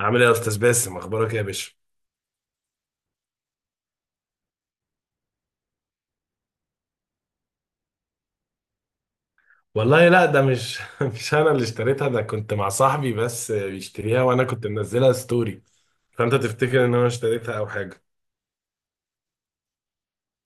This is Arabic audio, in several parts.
عامل ايه يا استاذ باسم، اخبارك ايه يا باشا؟ والله لا، ده مش مش انا اللي اشتريتها. ده كنت مع صاحبي بس بيشتريها وانا كنت منزلها ستوري. فانت تفتكر ان انا اشتريتها او حاجه؟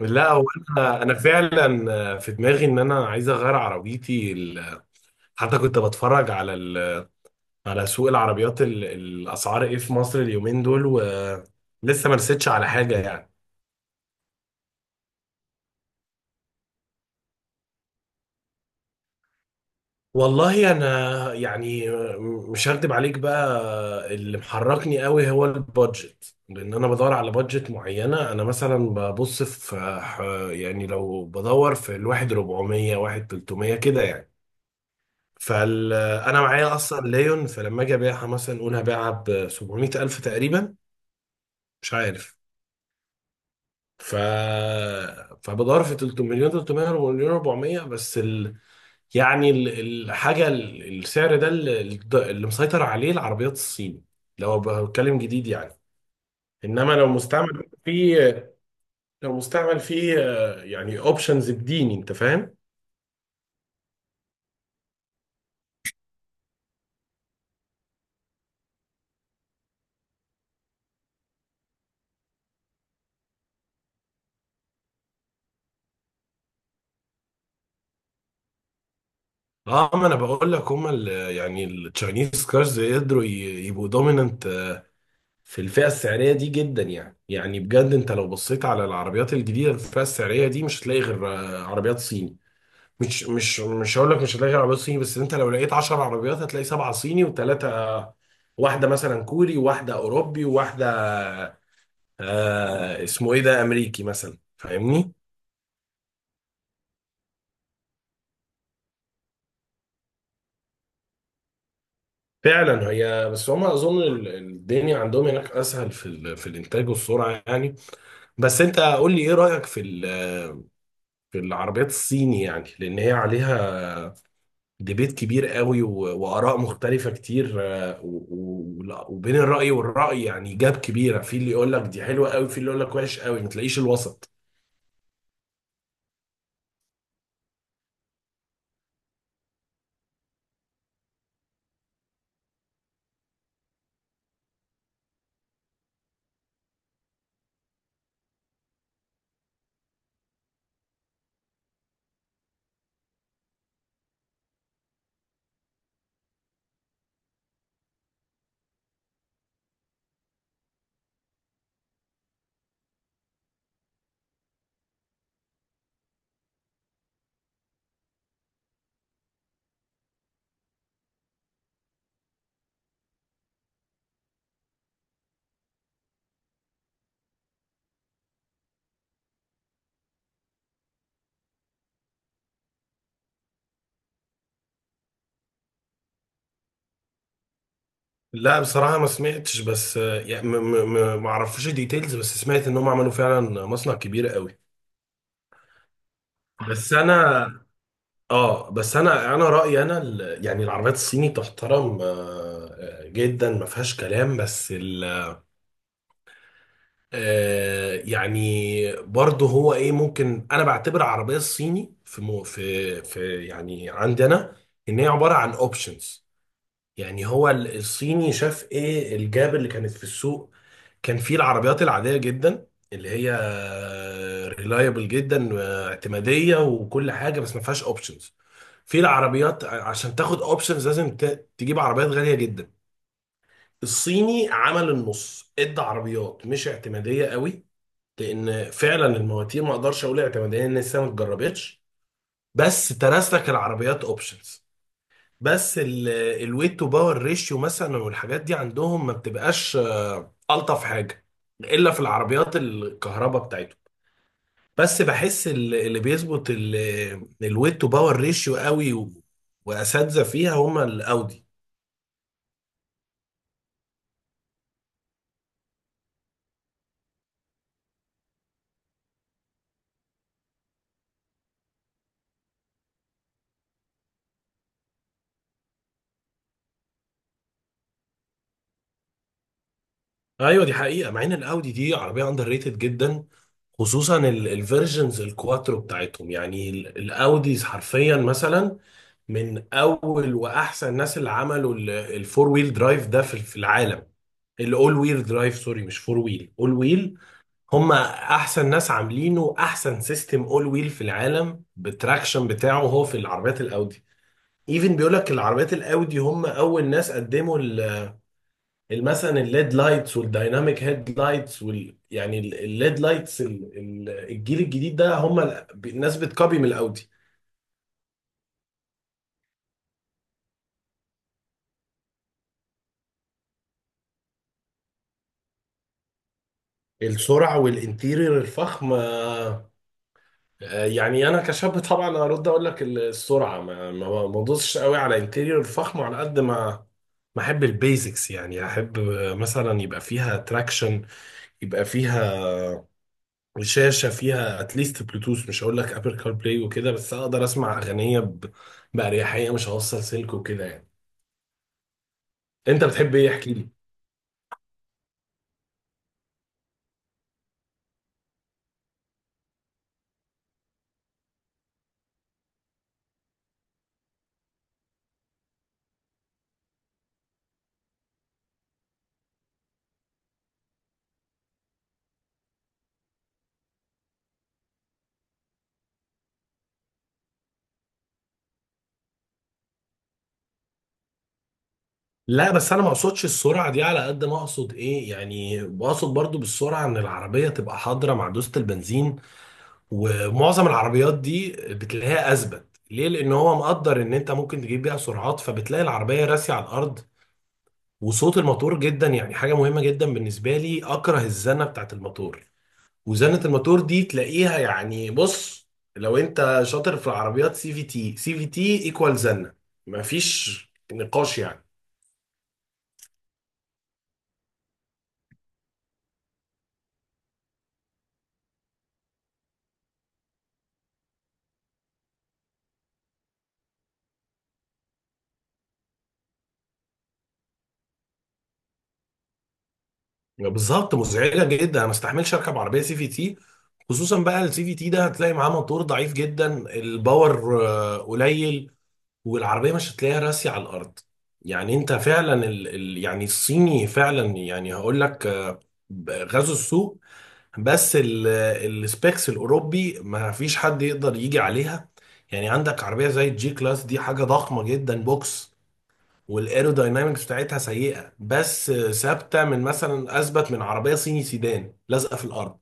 لا هو انا فعلا في دماغي ان انا عايز اغير حتى كنت بتفرج على على سوق العربيات الاسعار ايه في مصر اليومين دول، ولسه ما رستش على حاجه يعني. والله انا يعني مش هكدب عليك بقى، اللي محركني قوي هو البادجت، لان انا بدور على بادجت معينه. انا مثلا ببص في يعني لو بدور في الواحد 400، واحد 300 كده يعني. فال انا معايا اصلا ليون، فلما اجي ابيعها مثلا نقول هبيعها ب 700 الف تقريبا، مش عارف. ف فبدور في 300 مليون، 300 مليون 400 بس. يعني الحاجة السعر ده اللي مسيطر عليه العربيات الصيني، لو بتكلم جديد يعني. انما لو مستعمل في، لو مستعمل في، يعني اوبشنز بديني، انت فاهم. اه، ما انا بقول لك هما يعني التشاينيز كارز قدروا يبقوا دوميننت في الفئة السعرية دي جدا يعني. يعني بجد انت لو بصيت على العربيات الجديدة في الفئة السعرية دي مش هتلاقي غير عربيات صيني. مش هقول لك مش هتلاقي غير عربيات صيني، بس انت لو لقيت 10 عربيات هتلاقي سبعة صيني وثلاثة، واحدة مثلا كوري وواحدة أوروبي وواحدة، اسمه إيه ده، أمريكي مثلا، فاهمني؟ فعلا هي، بس هما أظن الدنيا عندهم هناك أسهل في في الإنتاج والسرعة يعني. بس أنت قول لي إيه رأيك في في العربيات الصيني يعني، لأن هي عليها ديبيت كبير قوي، وآراء مختلفة كتير، وبين الرأي والرأي يعني جاب كبيرة، في اللي يقول لك دي حلوة قوي، في اللي يقول لك وحش قوي، ما تلاقيش الوسط. لا بصراحة ما سمعتش، بس يعني ما اعرفش ديتيلز، بس سمعت ان هم عملوا فعلا مصنع كبير قوي. بس انا، اه بس انا رأيي انا يعني العربيات الصيني تحترم جدا، ما فيهاش كلام. بس يعني برضه هو ايه، ممكن انا بعتبر العربيه الصيني في مو في في يعني عندنا ان هي عباره عن اوبشنز. يعني هو الصيني شاف ايه الجاب اللي كانت في السوق. كان فيه العربيات العاديه جدا اللي هي ريلايبل جدا واعتماديه وكل حاجه، بس ما فيهاش اوبشنز. في العربيات عشان تاخد اوبشنز لازم تجيب عربيات غاليه جدا. الصيني عمل النص، ادى عربيات مش اعتماديه قوي، لان فعلا المواتير ما اقدرش اقول اعتماديه ان لسه ما اتجربتش، بس ترس لك العربيات اوبشنز. بس الويت تو باور ريشيو مثلا والحاجات دي عندهم ما بتبقاش الطف حاجه، الا في العربيات الكهرباء بتاعتهم. بس بحس اللي بيظبط الويت تو باور ريشيو قوي واساتذه فيها هما الاودي. ايوه دي حقيقه، مع ان الاودي دي عربيه اندر ريتد جدا، خصوصا الفيرجنز الكواترو بتاعتهم. يعني الاوديز حرفيا مثلا من اول واحسن الناس اللي عملوا الفور ويل درايف ده في العالم. الاول ويل درايف، سوري مش فور ويل، اول ويل. هم احسن ناس عاملينه، احسن سيستم اول ويل في العالم بالتراكشن بتاعه هو في العربيات الاودي. ايفن بيقول لك العربيات الاودي هم اول ناس قدموا مثلا الليد لايتس والدايناميك هيد لايتس، الليد لايتس الجيل الجديد ده، هم الناس بتكوبي من الاودي. السرعه والانتيرير الفخم، يعني انا كشاب طبعا هرد اقول لك السرعه، ما بدوسش قوي على انتيرير الفخم، على قد ما ما احب البيزكس يعني، احب مثلا يبقى فيها تراكشن، يبقى فيها وشاشه فيها اتليست بلوتوث، مش هقول لك ابل كار بلاي وكده، بس اقدر اسمع اغنيه باريحيه، مش هوصل سلك وكده يعني. انت بتحب ايه؟ احكي لي. لا بس انا ما اقصدش السرعه دي على قد ما اقصد ايه، يعني بقصد برضو بالسرعه ان العربيه تبقى حاضره مع دوسه البنزين. ومعظم العربيات دي بتلاقيها اثبت ليه، لان هو مقدر ان انت ممكن تجيب بيها سرعات، فبتلاقي العربيه راسية على الارض. وصوت الموتور جدا يعني حاجه مهمه جدا بالنسبه لي، اكره الزنه بتاعت الموتور. وزنة الموتور دي تلاقيها يعني، بص، لو انت شاطر في العربيات، سي في تي، سي في تي ايكوال زنة، مفيش نقاش يعني. بالظبط مزعجة جدا، انا ما استحملش اركب عربية سي في تي. خصوصا بقى السي في تي ده هتلاقي معاه موتور ضعيف جدا، الباور قليل، والعربية مش هتلاقيها راسية على الارض. يعني انت فعلا يعني الصيني فعلا يعني هقول لك غزو السوق. بس السبيكس الاوروبي ما فيش حد يقدر يجي عليها. يعني عندك عربيه زي الجي كلاس، دي حاجه ضخمه جدا، بوكس، والايروداينامكس بتاعتها سيئه، بس ثابته من مثلا، اثبت من عربيه صيني سيدان لازقه في الارض.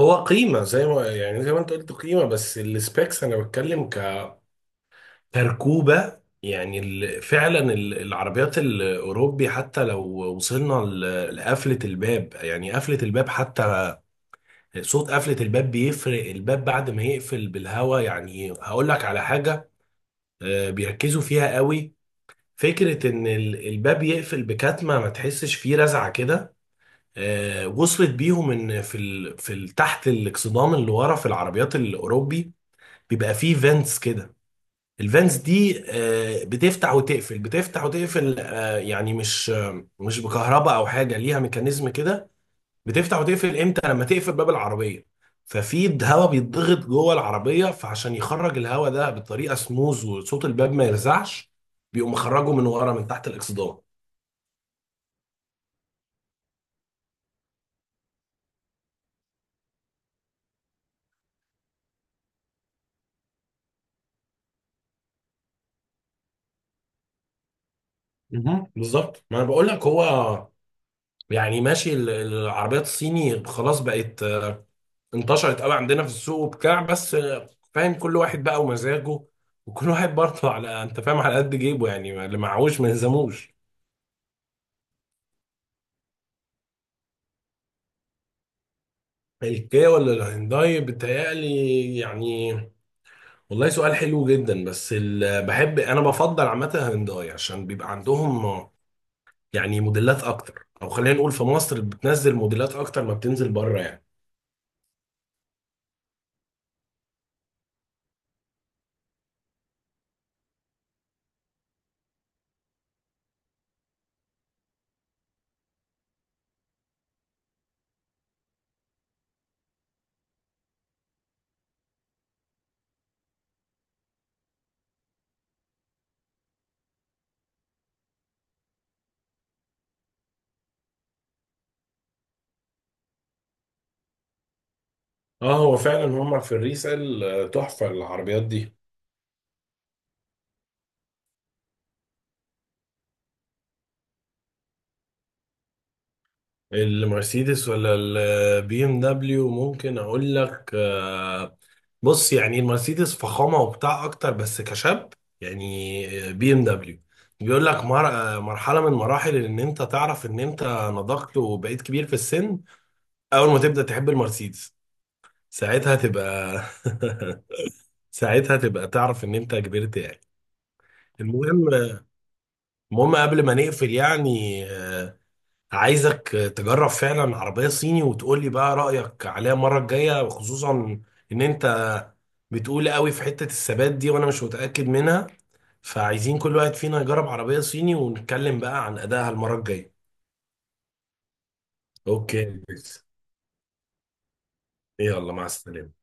هو قيمه زي ما، يعني زي ما انت قلت قيمه، بس السبيكس انا بتكلم كتركوبه. يعني فعلا العربيات الاوروبي، حتى لو وصلنا لقفله الباب، يعني قفله الباب حتى، صوت قفلة الباب بيفرق، الباب بعد ما يقفل بالهوا يعني، هقول لك على حاجة، بيركزوا فيها قوي، فكرة ان الباب يقفل بكتمة ما تحسش فيه رزعة كده. وصلت بيهم ان في تحت الاكسدام اللي ورا في العربيات الاوروبي بيبقى فيه فانتس كده. الفانتس دي بتفتح وتقفل، بتفتح وتقفل، يعني مش مش بكهرباء او حاجة، ليها ميكانيزم كده، بتفتح وتقفل امتى؟ لما تقفل باب العربيه ففي هواء بيتضغط جوه العربيه، فعشان يخرج الهواء ده بطريقه سموز وصوت الباب ما يرزعش، بيقوم مخرجه من ورا من تحت الاكسدام. مهم. بالظبط، ما انا بقول لك، هو يعني ماشي العربيات الصيني خلاص بقت انتشرت قوي عندنا في السوق وبتاع. بس فاهم، كل واحد بقى ومزاجه، وكل واحد برضه على، انت فاهم، على قد جيبه يعني، اللي معهوش ما يلزموش. الكيا ولا الهيونداي؟ بتهيألي يعني، والله سؤال حلو جدا. بس بحب انا، بفضل عامه هنداي عشان بيبقى عندهم يعني موديلات اكتر، او خلينا نقول في مصر بتنزل موديلات اكتر ما بتنزل بره يعني. اه هو فعلا هم في الريسال تحفه العربيات دي. المرسيدس ولا البي ام دبليو؟ ممكن اقول لك بص، يعني المرسيدس فخامه وبتاع اكتر، بس كشاب يعني بي ام دبليو. بيقول لك مرحله من مراحل ان انت تعرف ان انت نضجت وبقيت كبير في السن. اول ما تبدا تحب المرسيدس، ساعتها تبقى ساعتها تبقى تعرف ان انت كبرت يعني. المهم، المهم قبل ما نقفل يعني، عايزك تجرب فعلا عربية صيني وتقول لي بقى رأيك عليها المرة الجاية، خصوصا ان انت بتقول قوي في حتة الثبات دي وانا مش متأكد منها. فعايزين كل واحد فينا يجرب عربية صيني ونتكلم بقى عن أدائها المرة الجاية. اوكي، يلا مع السلامة.